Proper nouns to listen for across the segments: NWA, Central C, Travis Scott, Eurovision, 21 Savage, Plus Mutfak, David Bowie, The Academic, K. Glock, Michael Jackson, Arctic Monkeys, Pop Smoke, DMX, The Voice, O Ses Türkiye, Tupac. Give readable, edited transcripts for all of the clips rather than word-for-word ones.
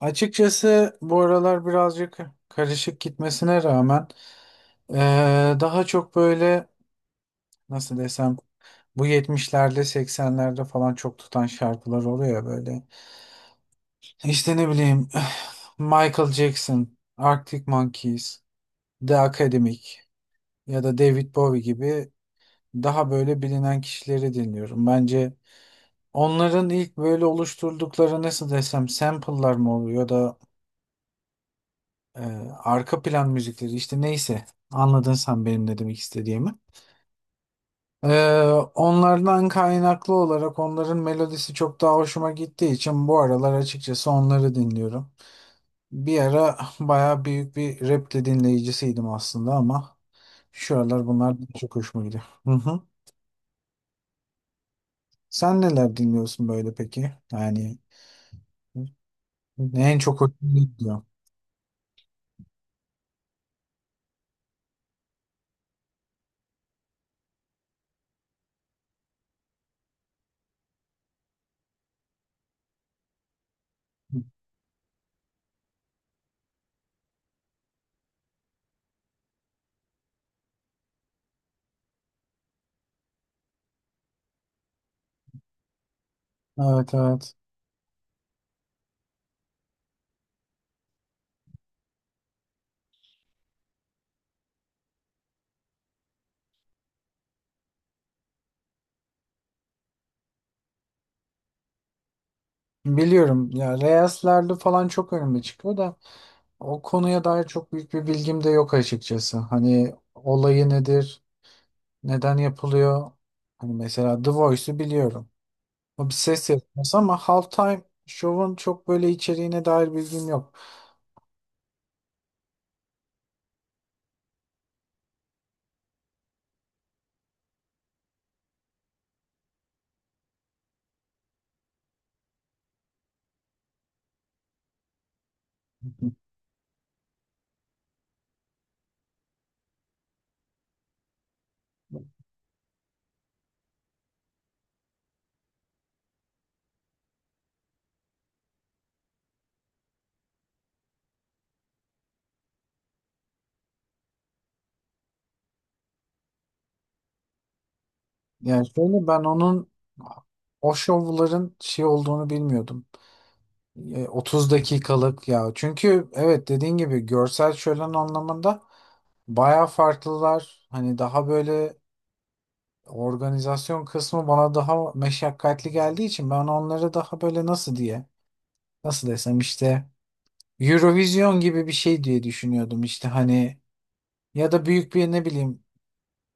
Açıkçası bu aralar birazcık karışık gitmesine rağmen daha çok böyle nasıl desem bu 70'lerde 80'lerde falan çok tutan şarkılar oluyor ya böyle. İşte ne bileyim Michael Jackson, Arctic Monkeys, The Academic ya da David Bowie gibi daha böyle bilinen kişileri dinliyorum. Bence onların ilk böyle oluşturdukları nasıl desem sample'lar mı oluyor da Ee, arka plan müzikleri işte neyse, anladın sen benim ne demek istediğimi. Ee, onlardan kaynaklı olarak onların melodisi çok daha hoşuma gittiği için bu aralar açıkçası onları dinliyorum. Bir ara baya büyük bir rap de dinleyicisiydim aslında ama şu aralar bunlar çok hoşuma gidiyor. Hı hı. Sen neler dinliyorsun böyle peki? Yani en çok hoşuna gidiyor. Evet evet. Biliyorum ya, Reyes'lerde falan çok önüme çıkıyor da o konuya dair çok büyük bir bilgim de yok açıkçası. Hani olayı nedir, neden yapılıyor? Hani mesela The Voice'u biliyorum. O bir ses yarışması ama Halftime Show'un çok böyle içeriğine dair bilgim yok. Yani şöyle, ben onun o şovların şey olduğunu bilmiyordum. 30 dakikalık ya. Çünkü evet dediğin gibi görsel şölen anlamında bayağı farklılar. Hani daha böyle organizasyon kısmı bana daha meşakkatli geldiği için ben onları daha böyle nasıl diye, nasıl desem işte, Eurovision gibi bir şey diye düşünüyordum işte hani, ya da büyük bir ne bileyim,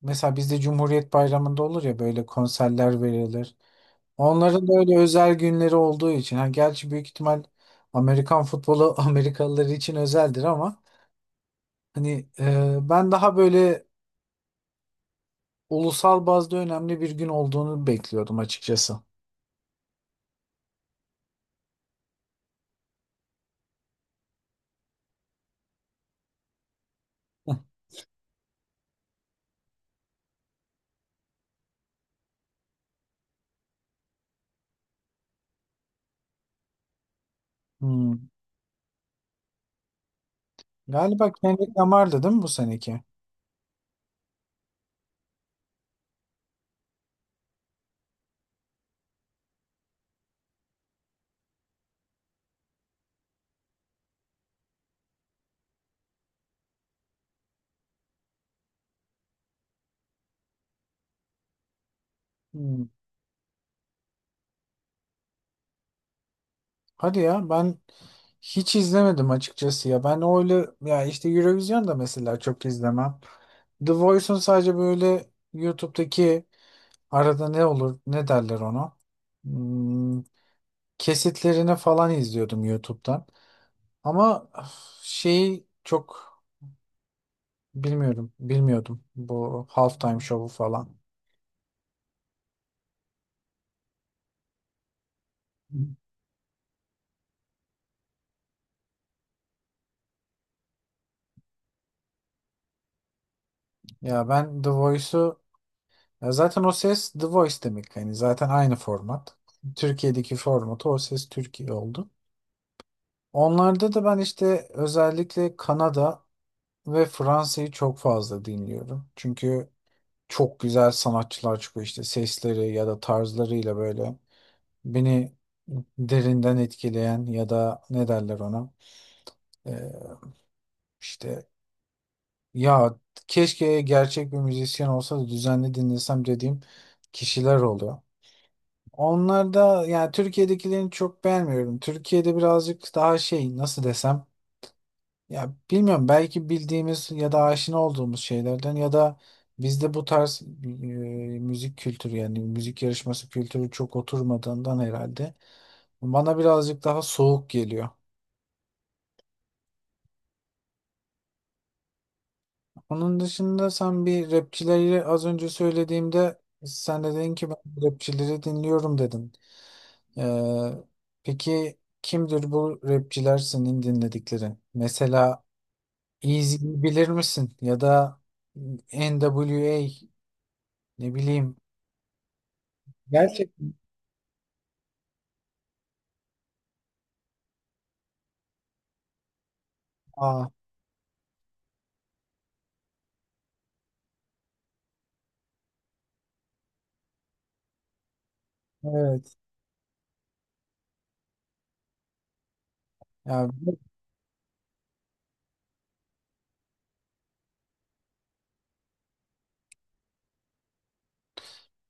mesela bizde Cumhuriyet Bayramı'nda olur ya böyle konserler verilir. Onların da öyle özel günleri olduğu için, ha gerçi büyük ihtimal Amerikan futbolu Amerikalılar için özeldir ama hani ben daha böyle ulusal bazda önemli bir gün olduğunu bekliyordum açıkçası. Hmm. Galiba Kendrick Lamar'dı değil mi bu seneki? Hmm. Hadi ya, ben hiç izlemedim açıkçası ya. Ben öyle ya işte Eurovision da mesela çok izlemem. The Voice'un sadece böyle YouTube'daki arada ne olur ne derler ona, Hmm, kesitlerini falan izliyordum YouTube'dan. Ama öf, şeyi çok bilmiyordum bu halftime show'u falan. Ya ben The Voice'u... Ya zaten o ses The Voice demek. Yani zaten aynı format. Türkiye'deki formatı O Ses Türkiye oldu. Onlarda da ben işte özellikle Kanada ve Fransa'yı çok fazla dinliyorum. Çünkü çok güzel sanatçılar çıkıyor işte sesleri ya da tarzlarıyla böyle beni derinden etkileyen ya da ne derler ona, Ee, işte ya keşke gerçek bir müzisyen olsa da düzenli dinlesem dediğim kişiler oluyor. Onlar da, yani Türkiye'dekilerini çok beğenmiyorum. Türkiye'de birazcık daha şey nasıl desem, ya bilmiyorum belki bildiğimiz ya da aşina olduğumuz şeylerden ya da bizde bu tarz müzik kültürü yani müzik yarışması kültürü çok oturmadığından herhalde bana birazcık daha soğuk geliyor. Onun dışında sen bir rapçileri az önce söylediğimde sen de dedin ki ben rapçileri dinliyorum dedin. Ee, peki kimdir bu rapçiler senin dinledikleri? Mesela Eazy'yi bilir misin? Ya da NWA ne bileyim. Gerçekten. Aa, evet. Ya,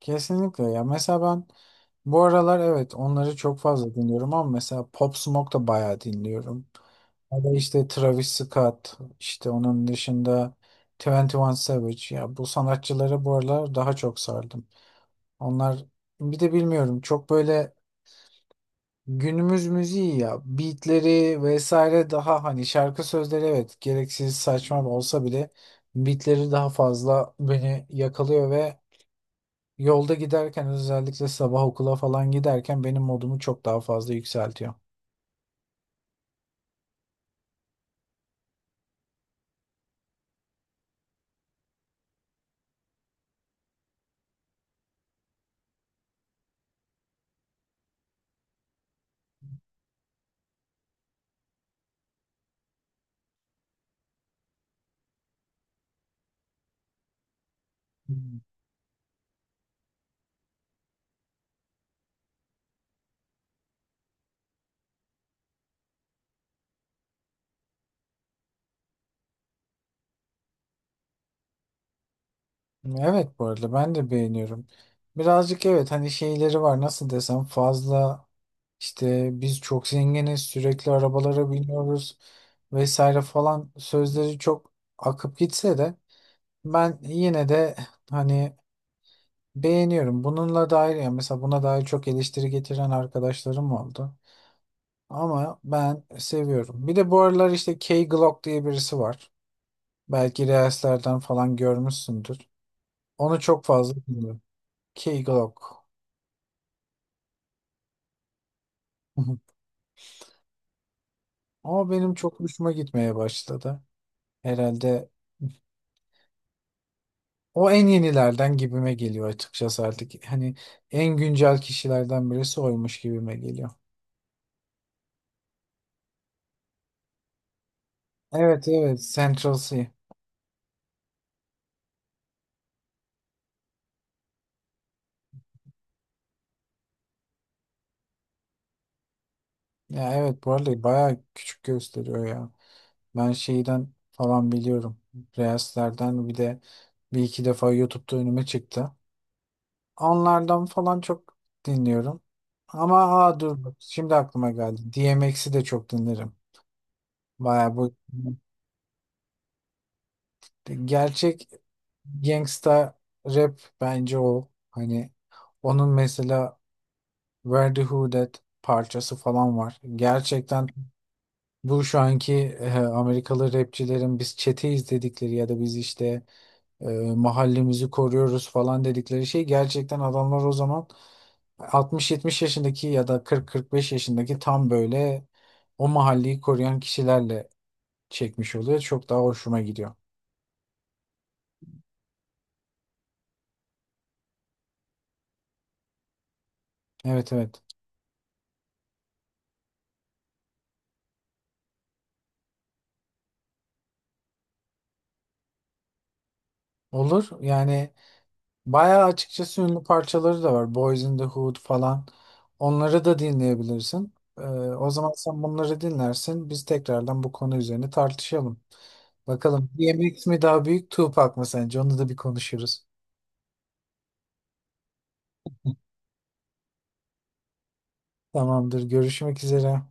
kesinlikle ya. Mesela ben bu aralar evet onları çok fazla dinliyorum ama mesela Pop Smoke da bayağı dinliyorum. Ya da işte Travis Scott, işte onun dışında 21 Savage. Ya bu sanatçılara bu aralar daha çok sardım. Onlar bir de bilmiyorum çok böyle günümüz müziği ya, beatleri vesaire daha hani şarkı sözleri evet gereksiz saçma olsa bile beatleri daha fazla beni yakalıyor ve yolda giderken özellikle sabah okula falan giderken benim modumu çok daha fazla yükseltiyor. Hmm. Evet bu arada ben de beğeniyorum. Birazcık evet hani şeyleri var nasıl desem fazla, işte biz çok zenginiz sürekli arabalara biniyoruz vesaire falan sözleri çok akıp gitse de ben yine de hani beğeniyorum. Bununla dair yani mesela buna dair çok eleştiri getiren arkadaşlarım oldu. Ama ben seviyorum. Bir de bu aralar işte K. Glock diye birisi var. Belki Reels'lerden falan görmüşsündür. Onu çok fazla dinliyorum. K. Glock. Ama benim çok hoşuma gitmeye başladı. Herhalde o en yenilerden gibime geliyor açıkçası artık. Hani en güncel kişilerden birisi oymuş gibime geliyor. Evet evet, Central C. Ya evet bu arada bayağı küçük gösteriyor ya. Ben şeyden falan biliyorum. Reels'lerden bir de bir iki defa YouTube'da önüme çıktı. Onlardan falan çok dinliyorum. Ama aa dur bak şimdi aklıma geldi, DMX'i de çok dinlerim. Bayağı bu gerçek gangsta rap bence o. Hani onun mesela Where the Hood At parçası falan var. Gerçekten bu şu anki Amerikalı rapçilerin biz çeteyiz dedikleri ya da biz işte e, mahallemizi koruyoruz falan dedikleri şey, gerçekten adamlar o zaman 60-70 yaşındaki ya da 40-45 yaşındaki tam böyle o mahalleyi koruyan kişilerle çekmiş oluyor. Çok daha hoşuma gidiyor. Evet evet. Olur yani, bayağı açıkçası ünlü parçaları da var. Boys in the Hood falan. Onları da dinleyebilirsin. O zaman sen bunları dinlersin. Biz tekrardan bu konu üzerine tartışalım. Bakalım DMX mi daha büyük, Tupac mı sence? Onu da bir konuşuruz. Tamamdır. Görüşmek üzere.